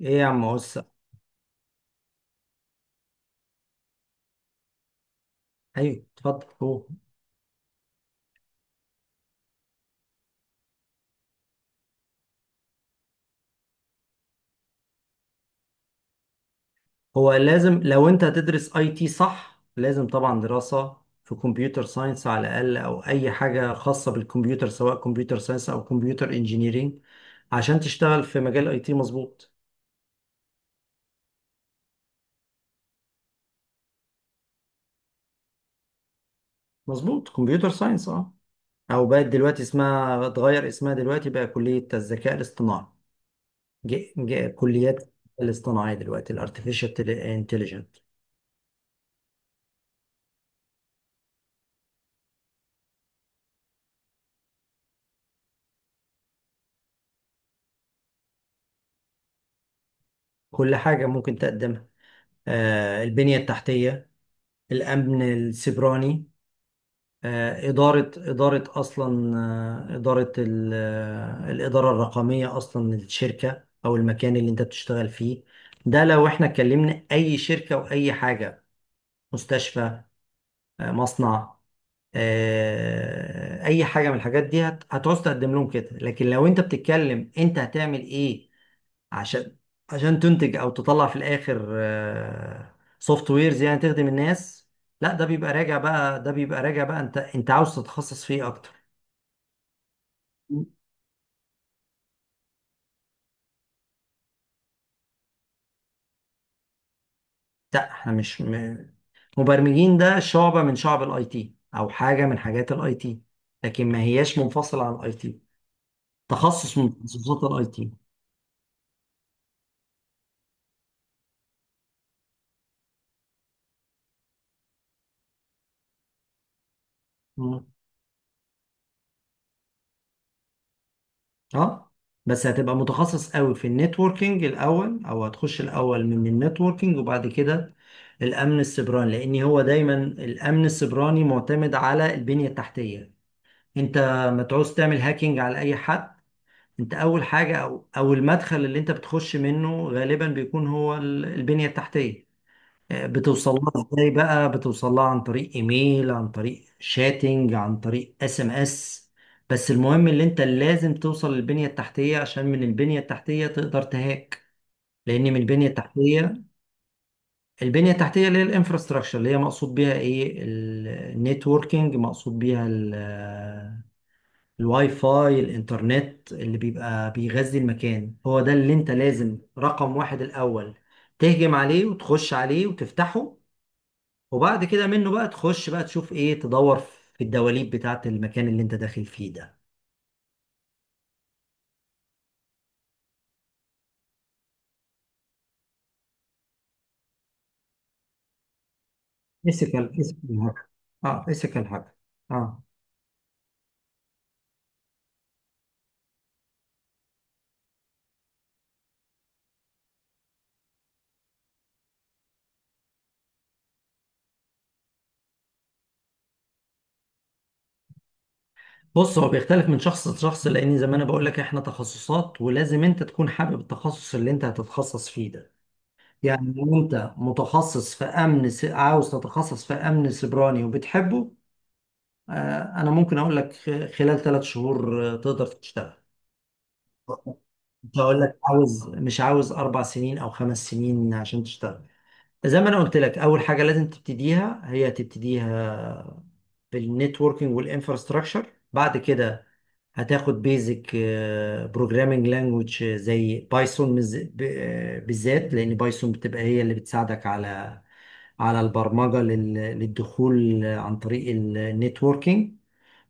ايه يا عم بص. ايوه اتفضل. هو لازم، لو انت هتدرس اي تي، صح، لازم طبعا دراسة في كمبيوتر ساينس على الاقل، او اي حاجة خاصة بالكمبيوتر، سواء كمبيوتر ساينس او كمبيوتر انجينيرينج، عشان تشتغل في مجال اي تي. مظبوط مظبوط كمبيوتر ساينس اه. او بقت دلوقتي اسمها، اتغير اسمها دلوقتي، بقى كلية الذكاء الاصطناعي. كليات الاصطناعي دلوقتي، الارتفيشال انتليجنت. كل حاجة ممكن تقدمها، آه البنية التحتية، الأمن السيبراني، إدارة أصلا، آه، إدارة ال- آه، الإدارة الرقمية أصلا للشركة أو المكان اللي أنت بتشتغل فيه. ده لو إحنا اتكلمنا أي شركة وأي حاجة، مستشفى، مصنع، أي حاجة من الحاجات دي هتعوز تقدم لهم كده. لكن لو أنت بتتكلم أنت هتعمل إيه عشان تنتج او تطلع في الاخر سوفت ويرز، يعني تخدم الناس. لا ده بيبقى راجع بقى، انت عاوز تتخصص فيه اكتر. لا احنا مش مبرمجين. ده شعبة من شعب الاي تي، او حاجة من حاجات الاي تي، لكن ما هياش منفصلة عن الاي تي. تخصص من تخصصات الاي تي. اه، بس هتبقى متخصص قوي في النتوركينج الاول، او هتخش الاول من النتوركينج وبعد كده الامن السيبراني، لان هو دايما الامن السيبراني معتمد على البنية التحتية. انت ما تعوز تعمل هاكينج على اي حد. انت اول حاجة، او المدخل اللي انت بتخش منه غالبا بيكون هو البنية التحتية. بتوصل لها ازاي بقى؟ بتوصل لها عن طريق ايميل، عن طريق شاتنج، عن طريق اس ام اس. بس المهم اللي انت لازم توصل للبنية التحتية، عشان من البنية التحتية تقدر تهاك. لان من البنية التحتية، البنية التحتية اللي هي الانفراستراكشر، اللي هي مقصود بيها ايه؟ النتوركينج. مقصود بيها الواي فاي، الانترنت اللي بيبقى بيغذي المكان، هو ده اللي انت لازم رقم واحد الاول تهجم عليه وتخش عليه وتفتحه. وبعد كده منه بقى تخش بقى تشوف ايه، تدور في الدواليب بتاعة المكان اللي انت داخل فيه ده. فيزيكال هاكر. اه فيزيكال هاكر، اه. بص، هو بيختلف من شخص لشخص، لان زي ما انا بقول لك احنا تخصصات، ولازم انت تكون حابب التخصص اللي انت هتتخصص فيه ده. يعني لو انت متخصص في عاوز تتخصص في امن سيبراني وبتحبه، آه، انا ممكن اقول لك خلال ثلاث شهور تقدر تشتغل. مش هقول لك عاوز، مش عاوز اربع سنين او خمس سنين عشان تشتغل. زي ما انا قلت لك اول حاجه لازم تبتديها، هي تبتديها بالنتوركينج والانفراستراكشر. بعد كده هتاخد بيزك بروجرامينج لانجوج زي بايثون، بالذات لان بايثون بتبقى هي اللي بتساعدك على على البرمجه للدخول عن طريق النتوركينج.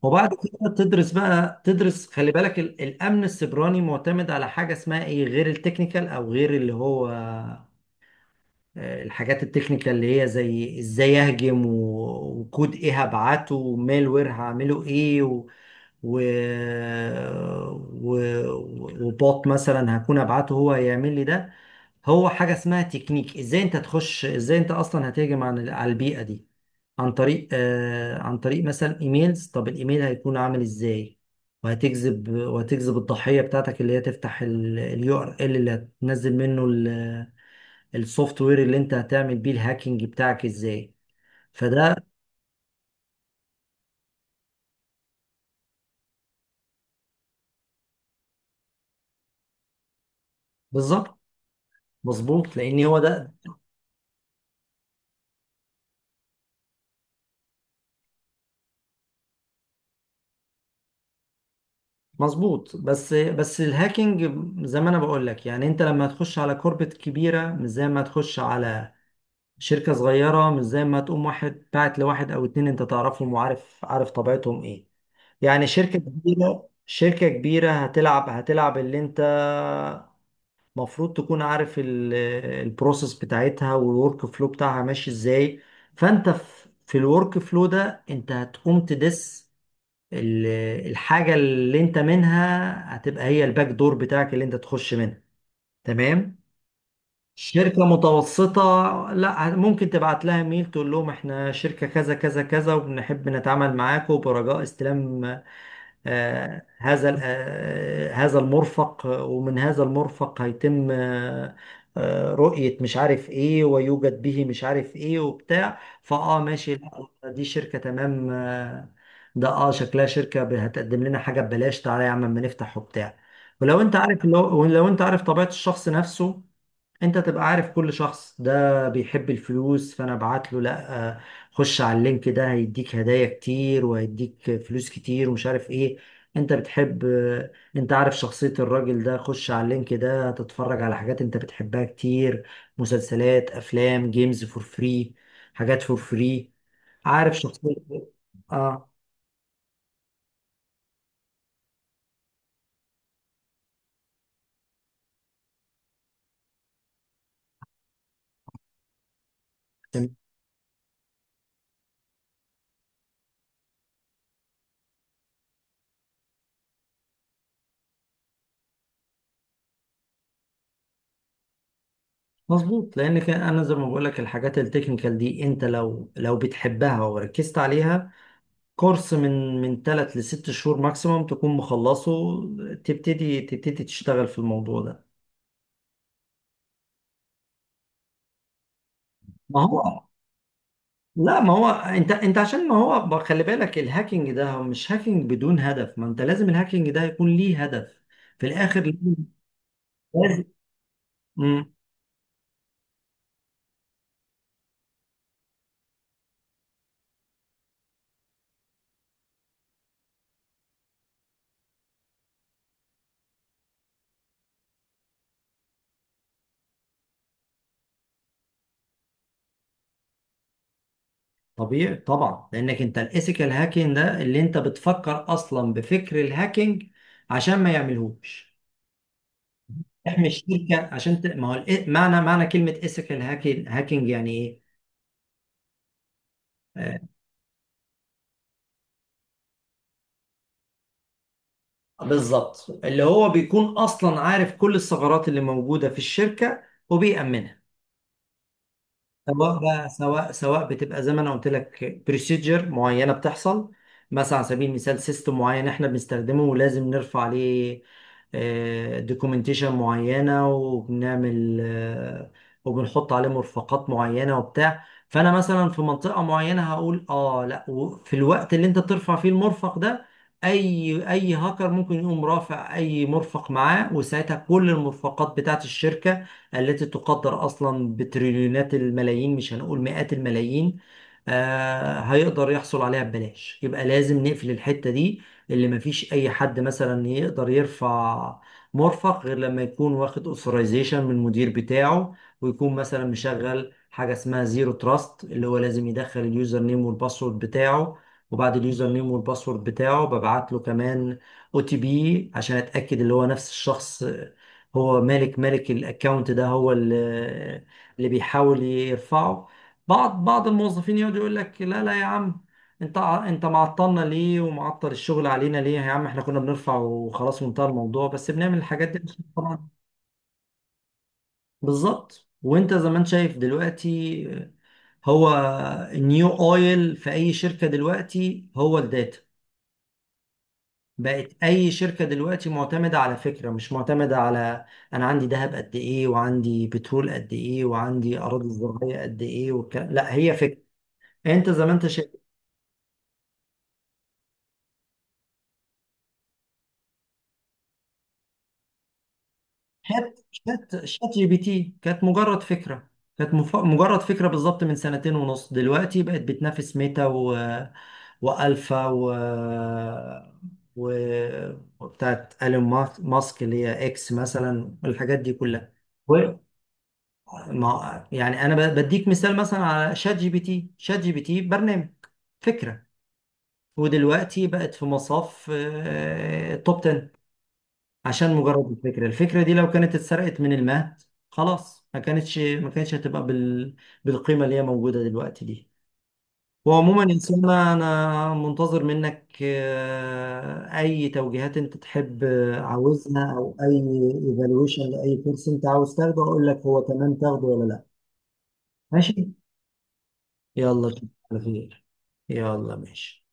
وبعد كده تدرس بقى، تدرس، خلي بالك الامن السيبراني معتمد على حاجه اسمها ايه غير التكنيكال، او غير اللي هو الحاجات التكنيكال اللي هي زي ازاي اهجم وكود ايه هبعته، ومالوير هعمله ايه، و... و... و... وبوت مثلا هكون ابعته هو هيعمل لي ده. هو حاجة اسمها تكنيك، ازاي انت تخش، ازاي انت اصلا هتهجم على البيئة دي. عن طريق آه عن طريق مثلا ايميلز. طب الايميل هيكون عامل ازاي، وهتجذب الضحية بتاعتك اللي هي تفتح اليو ار ال URL اللي هتنزل منه السوفت وير اللي انت هتعمل بيه الهاكينج بتاعك ازاي. فده. بالظبط. مظبوط لان هو ده. مظبوط، بس الهاكينج زي ما انا بقول لك، يعني انت لما تخش على كوربت كبيره مش زي ما تخش على شركه صغيره، مش زي ما تقوم واحد باعت لواحد او اتنين انت تعرفهم وعارف طبيعتهم ايه. يعني شركه كبيره، هتلعب اللي انت مفروض تكون عارف البروسيس بتاعتها والورك فلو بتاعها ماشي ازاي. فانت في الورك فلو ده انت هتقوم تدس ال- الحاجة اللي انت منها هتبقى هي الباك دور بتاعك اللي انت تخش منها. تمام. شركة متوسطة، لا ممكن تبعت لها ميل تقول لهم احنا شركة كذا كذا كذا وبنحب نتعامل معاكم، برجاء استلام هذا المرفق، ومن هذا المرفق هيتم رؤية مش عارف ايه، ويوجد به مش عارف ايه وبتاع، فاه ماشي لا دي شركة تمام، ده اه شكلها شركة هتقدم لنا حاجة ببلاش، تعالى يا عم اما نفتح وبتاع. ولو انت عارف، لو انت عارف طبيعة الشخص نفسه، انت تبقى عارف كل شخص ده بيحب الفلوس، فانا ابعت له لا، خش على اللينك ده هيديك هدايا كتير وهيديك فلوس كتير ومش عارف ايه. انت بتحب، انت عارف شخصية الراجل ده، خش على اللينك ده تتفرج على حاجات انت بتحبها كتير، مسلسلات افلام جيمز فور فري، حاجات فور فري. عارف شخصية. اه. تمام. مظبوط لان كان انا زي ما بقول لك الحاجات التكنيكال دي انت لو بتحبها وركزت عليها، كورس من ثلاث لست شهور ماكسيموم تكون مخلصه، تبتدي تشتغل في الموضوع ده. ما هو لا، ما هو انت عشان ما هو خلي بالك الهاكينج ده هو مش هاكينج بدون هدف، ما انت لازم الهاكينج ده يكون ليه هدف في الاخر، لازم لازم- مم. طبيعي طبعا، لانك انت الايثيكال هاكينج ده اللي انت بتفكر اصلا بفكر الهاكينج عشان ما يعملهوش. احمي الشركه عشان ما هو معنى كلمه ايثيكال هاكينج، هاكينج يعني ايه؟ آه، بالظبط، اللي هو بيكون اصلا عارف كل الثغرات اللي موجودة في الشركة وبيأمنها. سواء بقى، سواء بتبقى زي ما انا قلت لك بروسيجر معينه بتحصل، مثلا على سبيل المثال سيستم معين احنا بنستخدمه، ولازم نرفع عليه دوكيومنتيشن معينه، وبنعمل وبنحط عليه مرفقات معينه وبتاع، فانا مثلا في منطقه معينه هقول اه لا، وفي الوقت اللي انت بترفع فيه المرفق ده اي هاكر ممكن يقوم رافع اي مرفق معاه، وساعتها كل المرفقات بتاعت الشركه التي تقدر أصلا بتريليونات الملايين، مش هنقول مئات الملايين، هيقدر يحصل عليها ببلاش. يبقى لازم نقفل الحتة دي اللي مفيش أي حد مثلا يقدر يرفع مرفق غير لما يكون واخد اوثرايزيشن من المدير بتاعه، ويكون مثلا مشغل حاجة اسمها زيرو تراست اللي هو لازم يدخل اليوزر نيم والباسورد بتاعه، وبعد اليوزر نيم والباسورد بتاعه ببعت له كمان او تي بي عشان اتاكد اللي هو نفس الشخص هو مالك الاكونت ده، هو اللي بيحاول يرفعه. بعض الموظفين يقعد يقول لك لا لا يا عم، انت انت معطلنا ليه، ومعطل الشغل علينا ليه يا عم، احنا كنا بنرفع وخلاص وانتهى الموضوع. بس بنعمل الحاجات دي عشان طبعا. بالظبط. وانت زي ما انت شايف دلوقتي، هو النيو اويل في اي شركة دلوقتي هو الداتا. بقت اي شركه دلوقتي معتمده على فكره، مش معتمده على انا عندي ذهب قد ايه وعندي بترول قد ايه وعندي اراضي زراعيه قد ايه والكلام. لا، هي فكره. انت زي ما انت شايف، شات جي بي تي كانت مجرد فكره، كانت مجرد فكره بالظبط، من سنتين ونص دلوقتي بقت بتنافس ميتا و... والفا و و وبتاعت ايلون ماسك اللي هي اكس مثلا، الحاجات دي كلها. ما يعني انا بديك مثال مثلا على شات جي بي تي، شات جي بي تي برنامج، فكره، ودلوقتي بقت في مصاف آه، توب 10، عشان مجرد الفكره. الفكره دي لو كانت اتسرقت من المهد خلاص ما كانتش، هتبقى بالقيمه اللي هي موجوده دلوقتي دي. وعموما يا سلمى انا منتظر منك اي توجيهات انت تحب عاوزها، او اي ايفالويشن لاي كورس انت عاوز تاخده، اقول لك هو تمام تاخده ولا لا. ماشي. يلا اشوفك على خير. يلا ماشي.